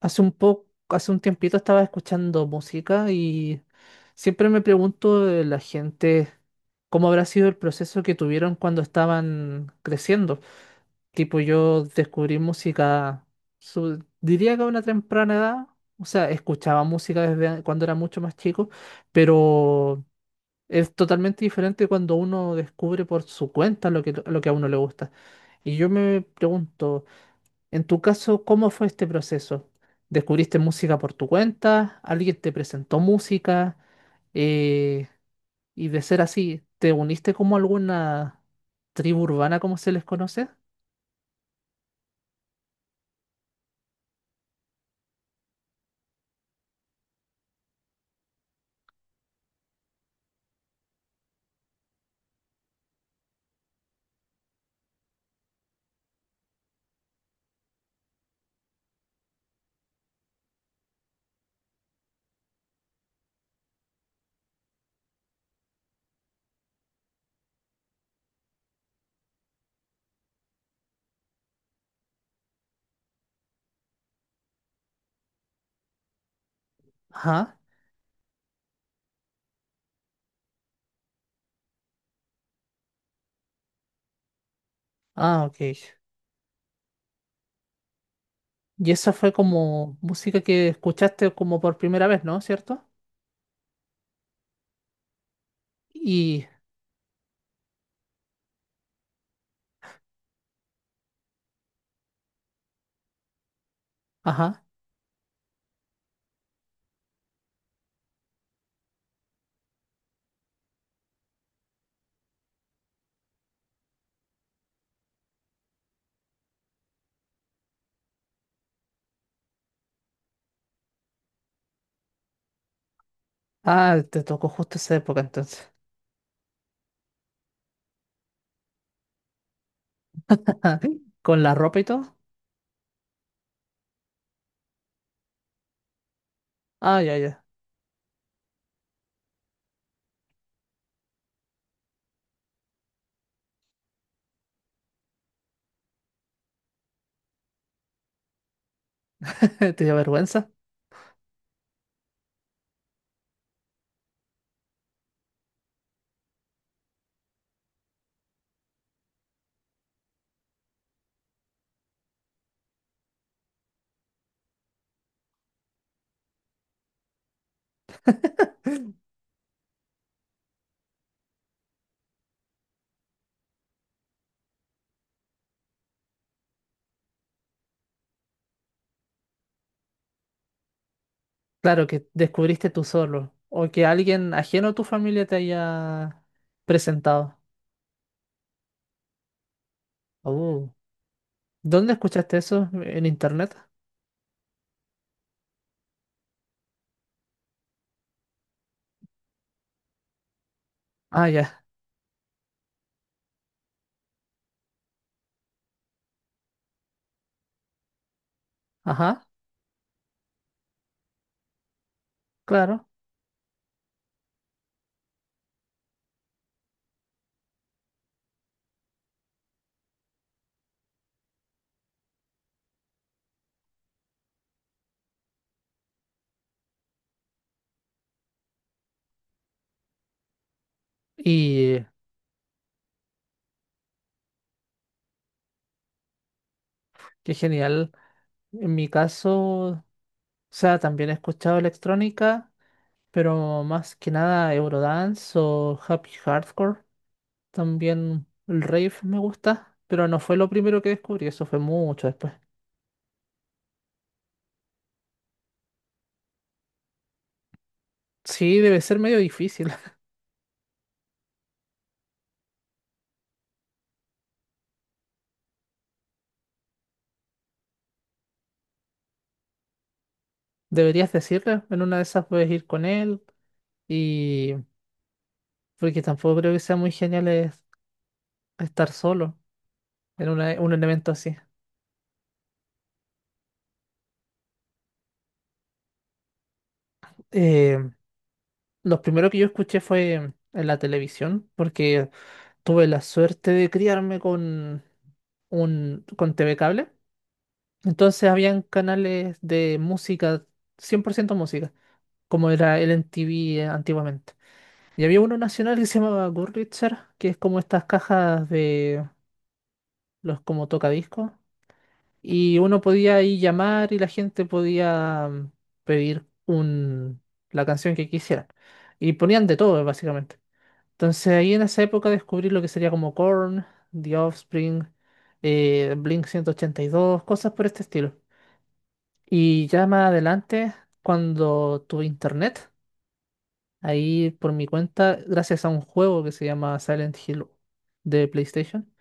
Hace un tiempito estaba escuchando música y siempre me pregunto de la gente cómo habrá sido el proceso que tuvieron cuando estaban creciendo. Tipo, yo descubrí música, diría que a una temprana edad, o sea, escuchaba música desde cuando era mucho más chico, pero es totalmente diferente cuando uno descubre por su cuenta lo que a uno le gusta. Y yo me pregunto. En tu caso, ¿cómo fue este proceso? ¿Descubriste música por tu cuenta? ¿Alguien te presentó música? Eh, y de ser así, ¿te uniste como a alguna tribu urbana, como se les conoce? Ajá. Ah, ok. Y esa fue como música que escuchaste como por primera vez, ¿no? ¿Cierto? Y, ajá. Ah, te tocó justo esa época entonces. ¿Con la ropa y todo? Ah, ya, ya. ¿Te dio vergüenza? Claro, que descubriste tú solo o que alguien ajeno a tu familia te haya presentado. Oh, ¿dónde escuchaste eso? ¿En internet? Ah, ya. Ajá, claro. Y qué genial. En mi caso, o sea, también he escuchado electrónica, pero más que nada Eurodance o Happy Hardcore. También el rave me gusta, pero no fue lo primero que descubrí, eso fue mucho después. Sí, debe ser medio difícil. Deberías decirle, en una de esas puedes ir con él y porque tampoco creo que sea muy genial es estar solo en un evento así. Eh, lo primero que yo escuché fue en la televisión porque tuve la suerte de criarme con un con TV cable. Entonces habían canales de música, 100% música, como era el MTV antiguamente. Y había uno nacional que se llamaba Goodreader, que es como estas cajas de los como tocadiscos y uno podía ahí llamar y la gente podía pedir la canción que quisieran. Y ponían de todo, básicamente. Entonces ahí en esa época descubrí lo que sería como Korn, The Offspring, Blink 182 cosas por este estilo. Y ya más adelante, cuando tuve internet, ahí por mi cuenta, gracias a un juego que se llama Silent Hill de PlayStation,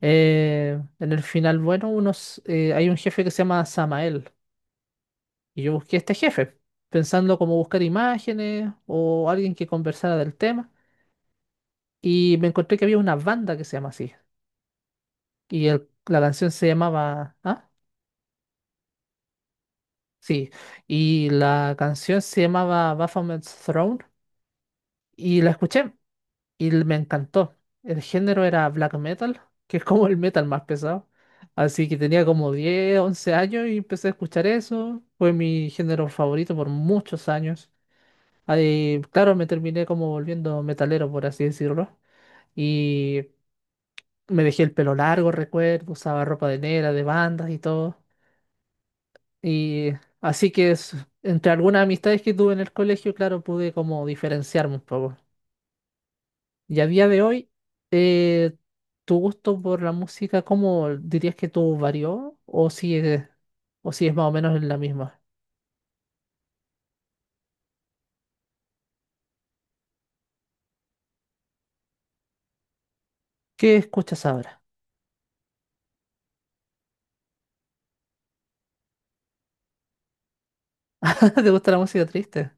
en el final, bueno, hay un jefe que se llama Samael. Y yo busqué a este jefe, pensando cómo buscar imágenes o alguien que conversara del tema. Y me encontré que había una banda que se llama así. Y la canción se llamaba. ¿Ah? Sí. Y la canción se llamaba Baphomet's Throne. Y la escuché y me encantó. El género era black metal, que es como el metal más pesado. Así que tenía como 10 11 años y empecé a escuchar eso. Fue mi género favorito por muchos años. Ahí, claro, me terminé como volviendo metalero, por así decirlo. Y me dejé el pelo largo, recuerdo, usaba ropa de negra, de bandas y todo. Y así que entre algunas amistades que tuve en el colegio, claro, pude como diferenciarme un poco. Y a día de hoy, eh, tu gusto por la música, ¿cómo dirías que tú varió? O si es más o menos en la misma? ¿Qué escuchas ahora? ¿Te gusta la música triste?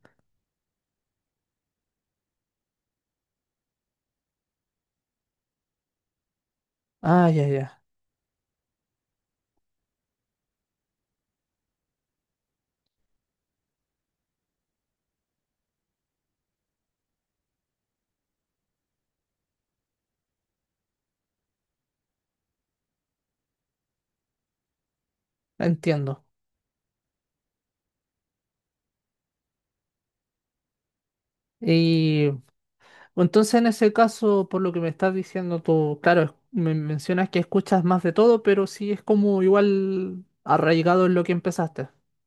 Ah, ya, ya, entiendo. Y Entonces, en ese caso, por lo que me estás diciendo tú, claro, me mencionas que escuchas más de todo, pero sí es como igual arraigado en lo que empezaste.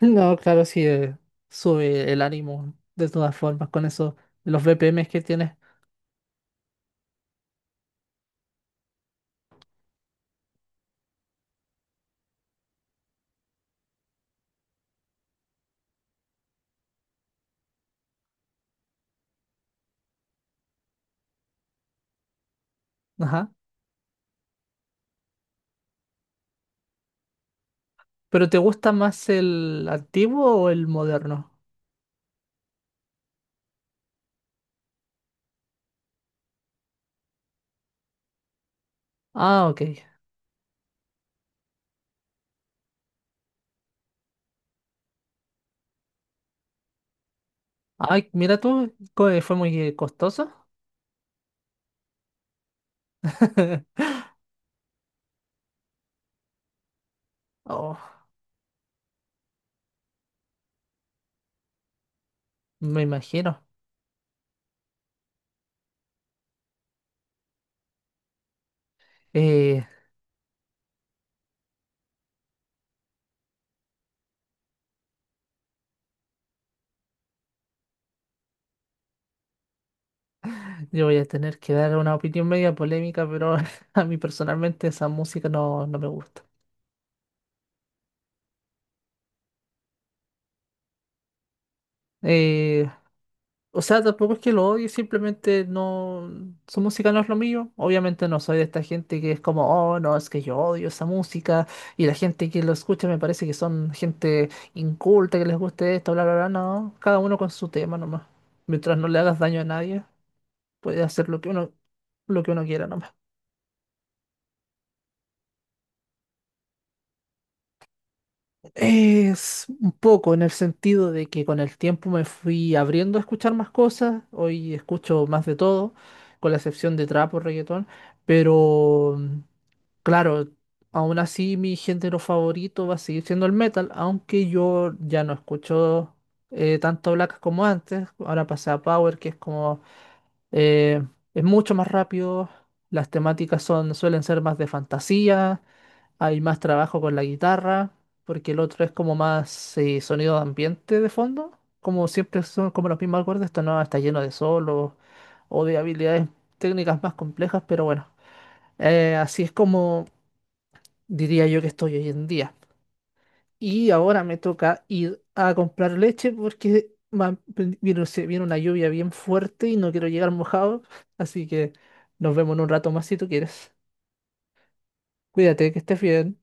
No, claro, sí, sube el ánimo de todas formas con eso, los BPMs que tienes. Ajá. ¿Pero te gusta más el antiguo o el moderno? Ah, ok. Ay, mira tú, fue muy costoso. Oh, me imagino. Eh, Yo voy a tener que dar una opinión media polémica, pero a mí personalmente esa música no, no me gusta. Eh, o sea, tampoco es que lo odie, simplemente no, su música no es lo mío. Obviamente no soy de esta gente que es como, oh, no, es que yo odio esa música y la gente que lo escucha me parece que son gente inculta, que les guste esto, bla, bla, bla. No, cada uno con su tema nomás. Mientras no le hagas daño a nadie, puedes hacer lo que uno quiera nomás. Es un poco en el sentido de que con el tiempo me fui abriendo a escuchar más cosas, hoy escucho más de todo, con la excepción de trap o reggaetón, pero claro, aún así mi género favorito va a seguir siendo el metal, aunque yo ya no escucho tanto black como antes, ahora pasé a power, que es como, eh, es mucho más rápido, las temáticas son, suelen ser más de fantasía, hay más trabajo con la guitarra, porque el otro es como más sonido de ambiente de fondo. Como siempre son como los mismos acordes, esto no está lleno de solos o de habilidades técnicas más complejas, pero bueno, así es como diría yo que estoy hoy en día. Y ahora me toca ir a comprar leche porque se viene una lluvia bien fuerte y no quiero llegar mojado, así que nos vemos en un rato más si tú quieres. Cuídate, que estés bien.